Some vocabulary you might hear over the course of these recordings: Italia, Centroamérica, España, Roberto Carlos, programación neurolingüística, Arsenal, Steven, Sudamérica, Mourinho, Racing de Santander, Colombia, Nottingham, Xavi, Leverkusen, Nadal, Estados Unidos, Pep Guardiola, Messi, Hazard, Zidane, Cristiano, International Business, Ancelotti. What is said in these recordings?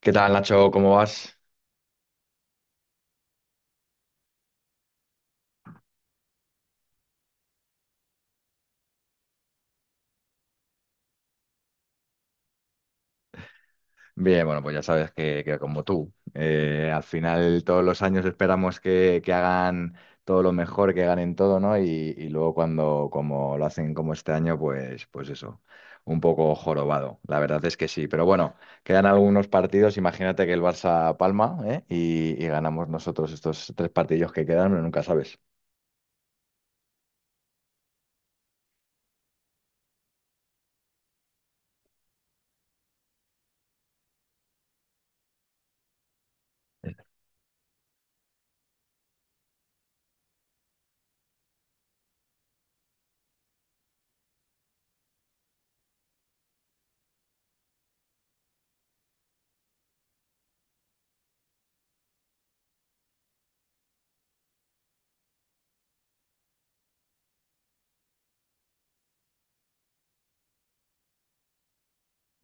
¿Qué tal, Nacho? ¿Cómo vas? Bien, bueno, pues ya sabes que como tú, al final todos los años esperamos que hagan todo lo mejor, que ganen todo, ¿no? Y luego cuando como lo hacen como este año, pues eso, un poco jorobado. La verdad es que sí. Pero bueno, quedan algunos partidos. Imagínate que el Barça palma, ¿eh? Y ganamos nosotros estos tres partidos que quedan, pero nunca sabes.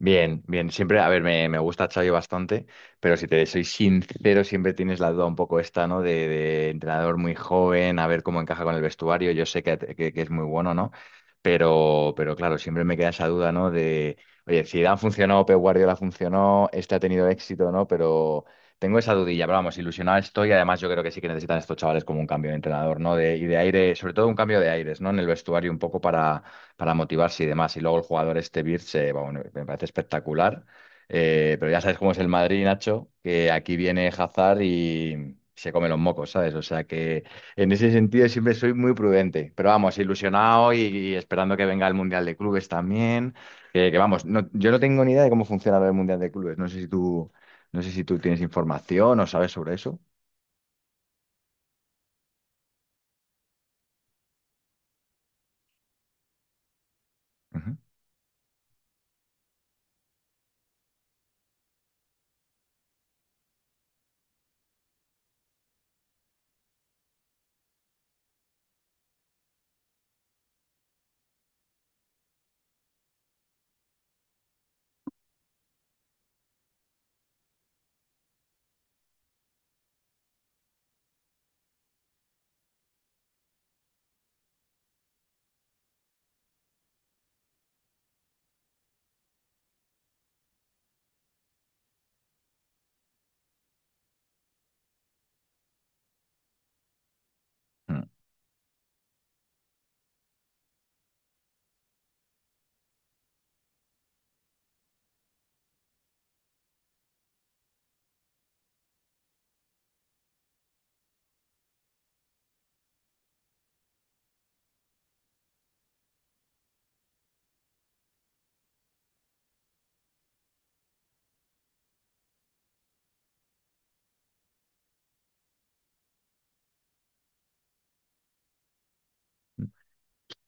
Bien, bien, siempre, a ver, me gusta Xavi bastante, pero si te soy sincero, siempre tienes la duda un poco esta, ¿no? De entrenador muy joven, a ver cómo encaja con el vestuario, yo sé que es muy bueno, ¿no? Pero claro, siempre me queda esa duda, ¿no? De, oye, Zidane funcionó, Pep Guardiola funcionó, este ha tenido éxito, ¿no? Pero tengo esa dudilla, pero vamos, ilusionado estoy, además yo creo que sí que necesitan estos chavales como un cambio de entrenador, ¿no? De, y de aire, sobre todo un cambio de aires, ¿no? En el vestuario un poco para motivarse y demás. Y luego el jugador este Birch, bueno, me parece espectacular. Pero ya sabes cómo es el Madrid, Nacho, que aquí viene Hazard y se come los mocos, ¿sabes? O sea que en ese sentido siempre soy muy prudente. Pero vamos, ilusionado y esperando que venga el Mundial de Clubes también. Que vamos, yo no tengo ni idea de cómo funciona el Mundial de Clubes. No sé si tú tienes información o sabes sobre eso. Ujú. Mm.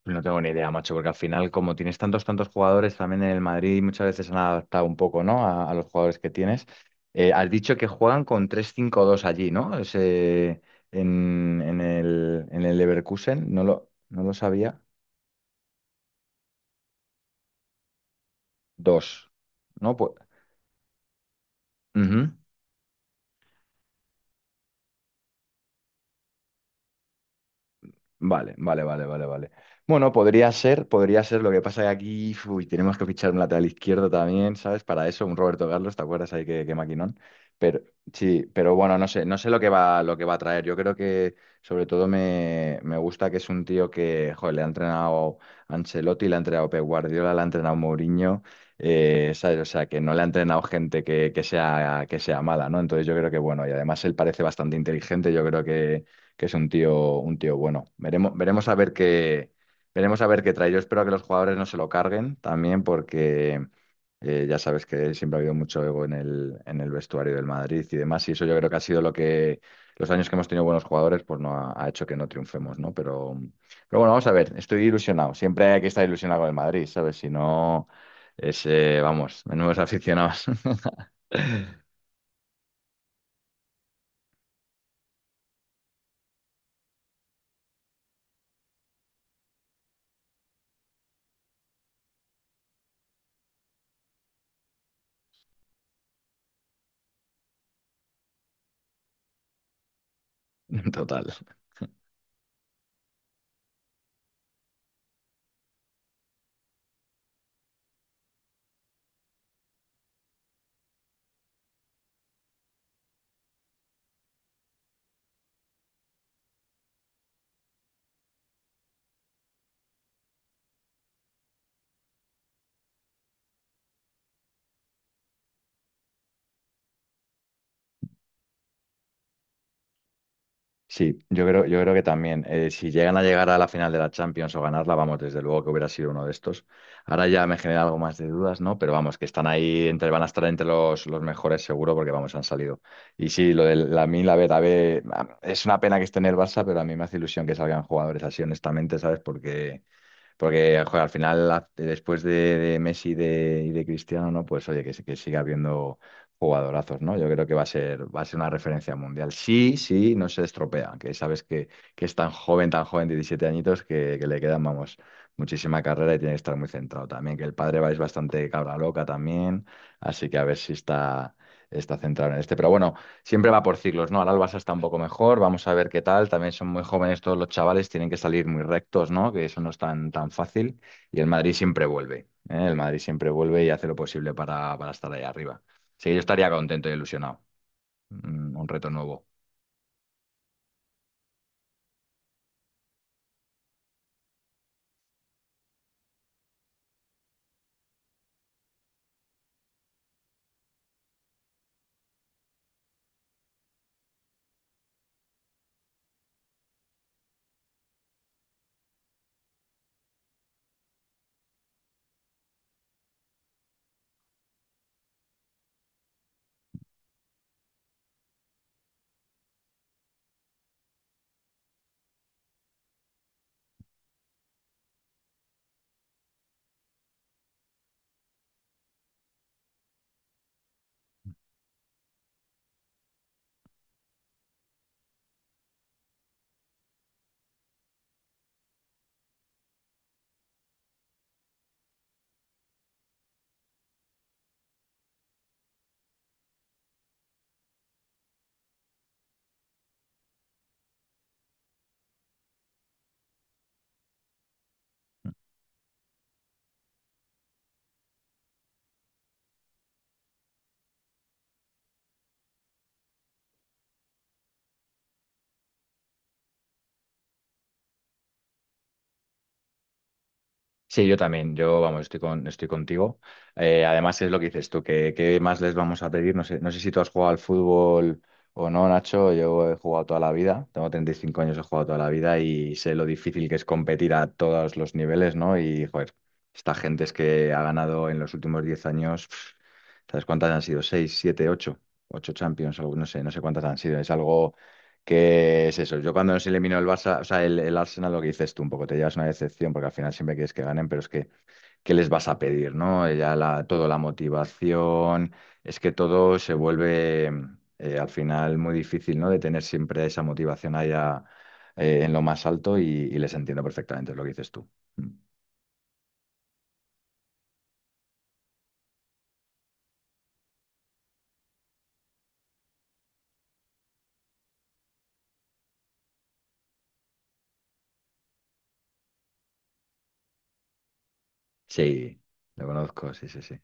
No tengo ni idea, macho, porque al final, como tienes tantos jugadores, también en el Madrid muchas veces han adaptado un poco, ¿no? A los jugadores que tienes. Has dicho que juegan con 3-5-2 allí, ¿no? En el Leverkusen, no lo sabía. Dos, ¿no? Pues, ujú. Vale, vale, vale, vale, vale. Bueno, podría ser, podría ser. Lo que pasa que aquí, uy, tenemos que fichar un lateral izquierdo también, ¿sabes? Para eso, un Roberto Carlos, ¿te acuerdas ahí que maquinón? Pero sí, pero bueno, no sé, no sé lo que va a traer. Yo creo que sobre todo me gusta que es un tío que, joder, le ha entrenado Ancelotti, le ha entrenado Pep Guardiola, le ha entrenado Mourinho, ¿sabes? O sea, que no le ha entrenado gente que sea mala, ¿no? Entonces yo creo que, bueno, y además él parece bastante inteligente, yo creo que es un tío bueno. Veremos a ver qué trae. Yo espero que los jugadores no se lo carguen también, porque ya sabes que siempre ha habido mucho ego en el vestuario del Madrid y demás. Y eso yo creo que ha sido lo que los años que hemos tenido buenos jugadores, pues no ha hecho que no triunfemos, ¿no? Pero bueno, vamos a ver. Estoy ilusionado. Siempre hay que estar ilusionado con el Madrid, ¿sabes? Si no, vamos, menudos aficionados. Total. Sí, yo creo que también. Si llegan a llegar a la final de la Champions o ganarla, vamos, desde luego que hubiera sido uno de estos. Ahora ya me genera algo más de dudas, ¿no? Pero vamos, que están ahí, van a estar entre los mejores seguro, porque vamos, han salido. Y sí, lo de la Mil, a ver, es una pena que esté en el Barça, pero a mí me hace ilusión que salgan jugadores así, honestamente, ¿sabes? Porque joder, al final, después de Messi y de Cristiano, ¿no? Pues oye, que siga habiendo jugadorazos, ¿no? Yo creo que va a ser una referencia mundial. Sí, sí, no se estropea, que sabes que es tan joven, 17 añitos, que le quedan, vamos, muchísima carrera y tiene que estar muy centrado también. Que el padre va es bastante cabra loca también, así que a ver si está centrado en este. Pero bueno siempre va por ciclos, ¿no? Ahora el Barça está un poco mejor, vamos a ver qué tal. También son muy jóvenes todos los chavales, tienen que salir muy rectos, ¿no? Que eso no es tan, tan fácil. Y el Madrid siempre vuelve, ¿eh? El Madrid siempre vuelve y hace lo posible para estar ahí arriba. Sí, yo estaría contento y ilusionado. Un reto nuevo. Sí, yo también, yo vamos, estoy contigo. Además es lo que dices tú, que qué más les vamos a pedir. No sé si tú has jugado al fútbol o no, Nacho. Yo he jugado toda la vida, tengo 35 años, he jugado toda la vida y sé lo difícil que es competir a todos los niveles, ¿no? Y joder, esta gente es que ha ganado en los últimos 10 años, pf, ¿sabes cuántas han sido? ¿Seis, siete, ocho? Ocho Champions, algo, no sé, no sé cuántas han sido. Es algo que es eso. Yo cuando nos eliminó el Barça, o sea, el Arsenal, lo que dices tú, un poco te llevas una decepción porque al final siempre quieres que ganen, pero es que, ¿qué les vas a pedir, no? Ya toda la motivación, es que todo se vuelve al final muy difícil, ¿no? De tener siempre esa motivación allá en lo más alto y les entiendo perfectamente es lo que dices tú. Mm. Sí, lo conozco, sí, sí, sí.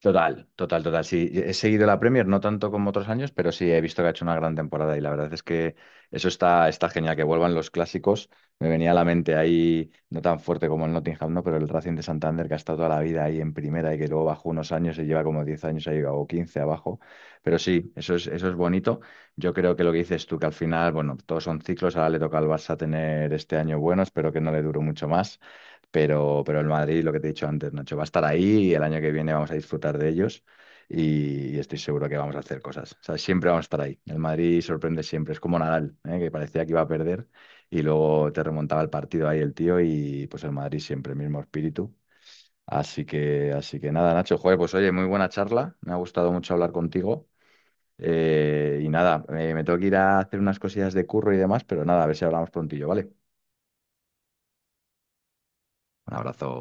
Total, total, total. Sí, he seguido la Premier, no tanto como otros años, pero sí he visto que ha hecho una gran temporada y la verdad es que eso está genial, que vuelvan los clásicos. Me venía a la mente ahí, no tan fuerte como el Nottingham, ¿no? Pero el Racing de Santander, que ha estado toda la vida ahí en primera y que luego bajó unos años y lleva como 10 años ahí o 15 abajo. Pero sí, eso es bonito. Yo creo que lo que dices tú, que al final, bueno, todos son ciclos, ahora le toca al Barça tener este año bueno, espero que no le dure mucho más. Pero el Madrid, lo que te he dicho antes, Nacho, va a estar ahí y el año que viene vamos a disfrutar de ellos y estoy seguro que vamos a hacer cosas. O sea, siempre vamos a estar ahí. El Madrid sorprende siempre. Es como Nadal, ¿eh? Que parecía que iba a perder y luego te remontaba el partido ahí el tío y pues el Madrid siempre, el mismo espíritu. Así que nada, Nacho, joder, pues oye, muy buena charla. Me ha gustado mucho hablar contigo. Y nada, me tengo que ir a hacer unas cosillas de curro y demás, pero nada, a ver si hablamos prontillo, ¿vale? Un abrazo.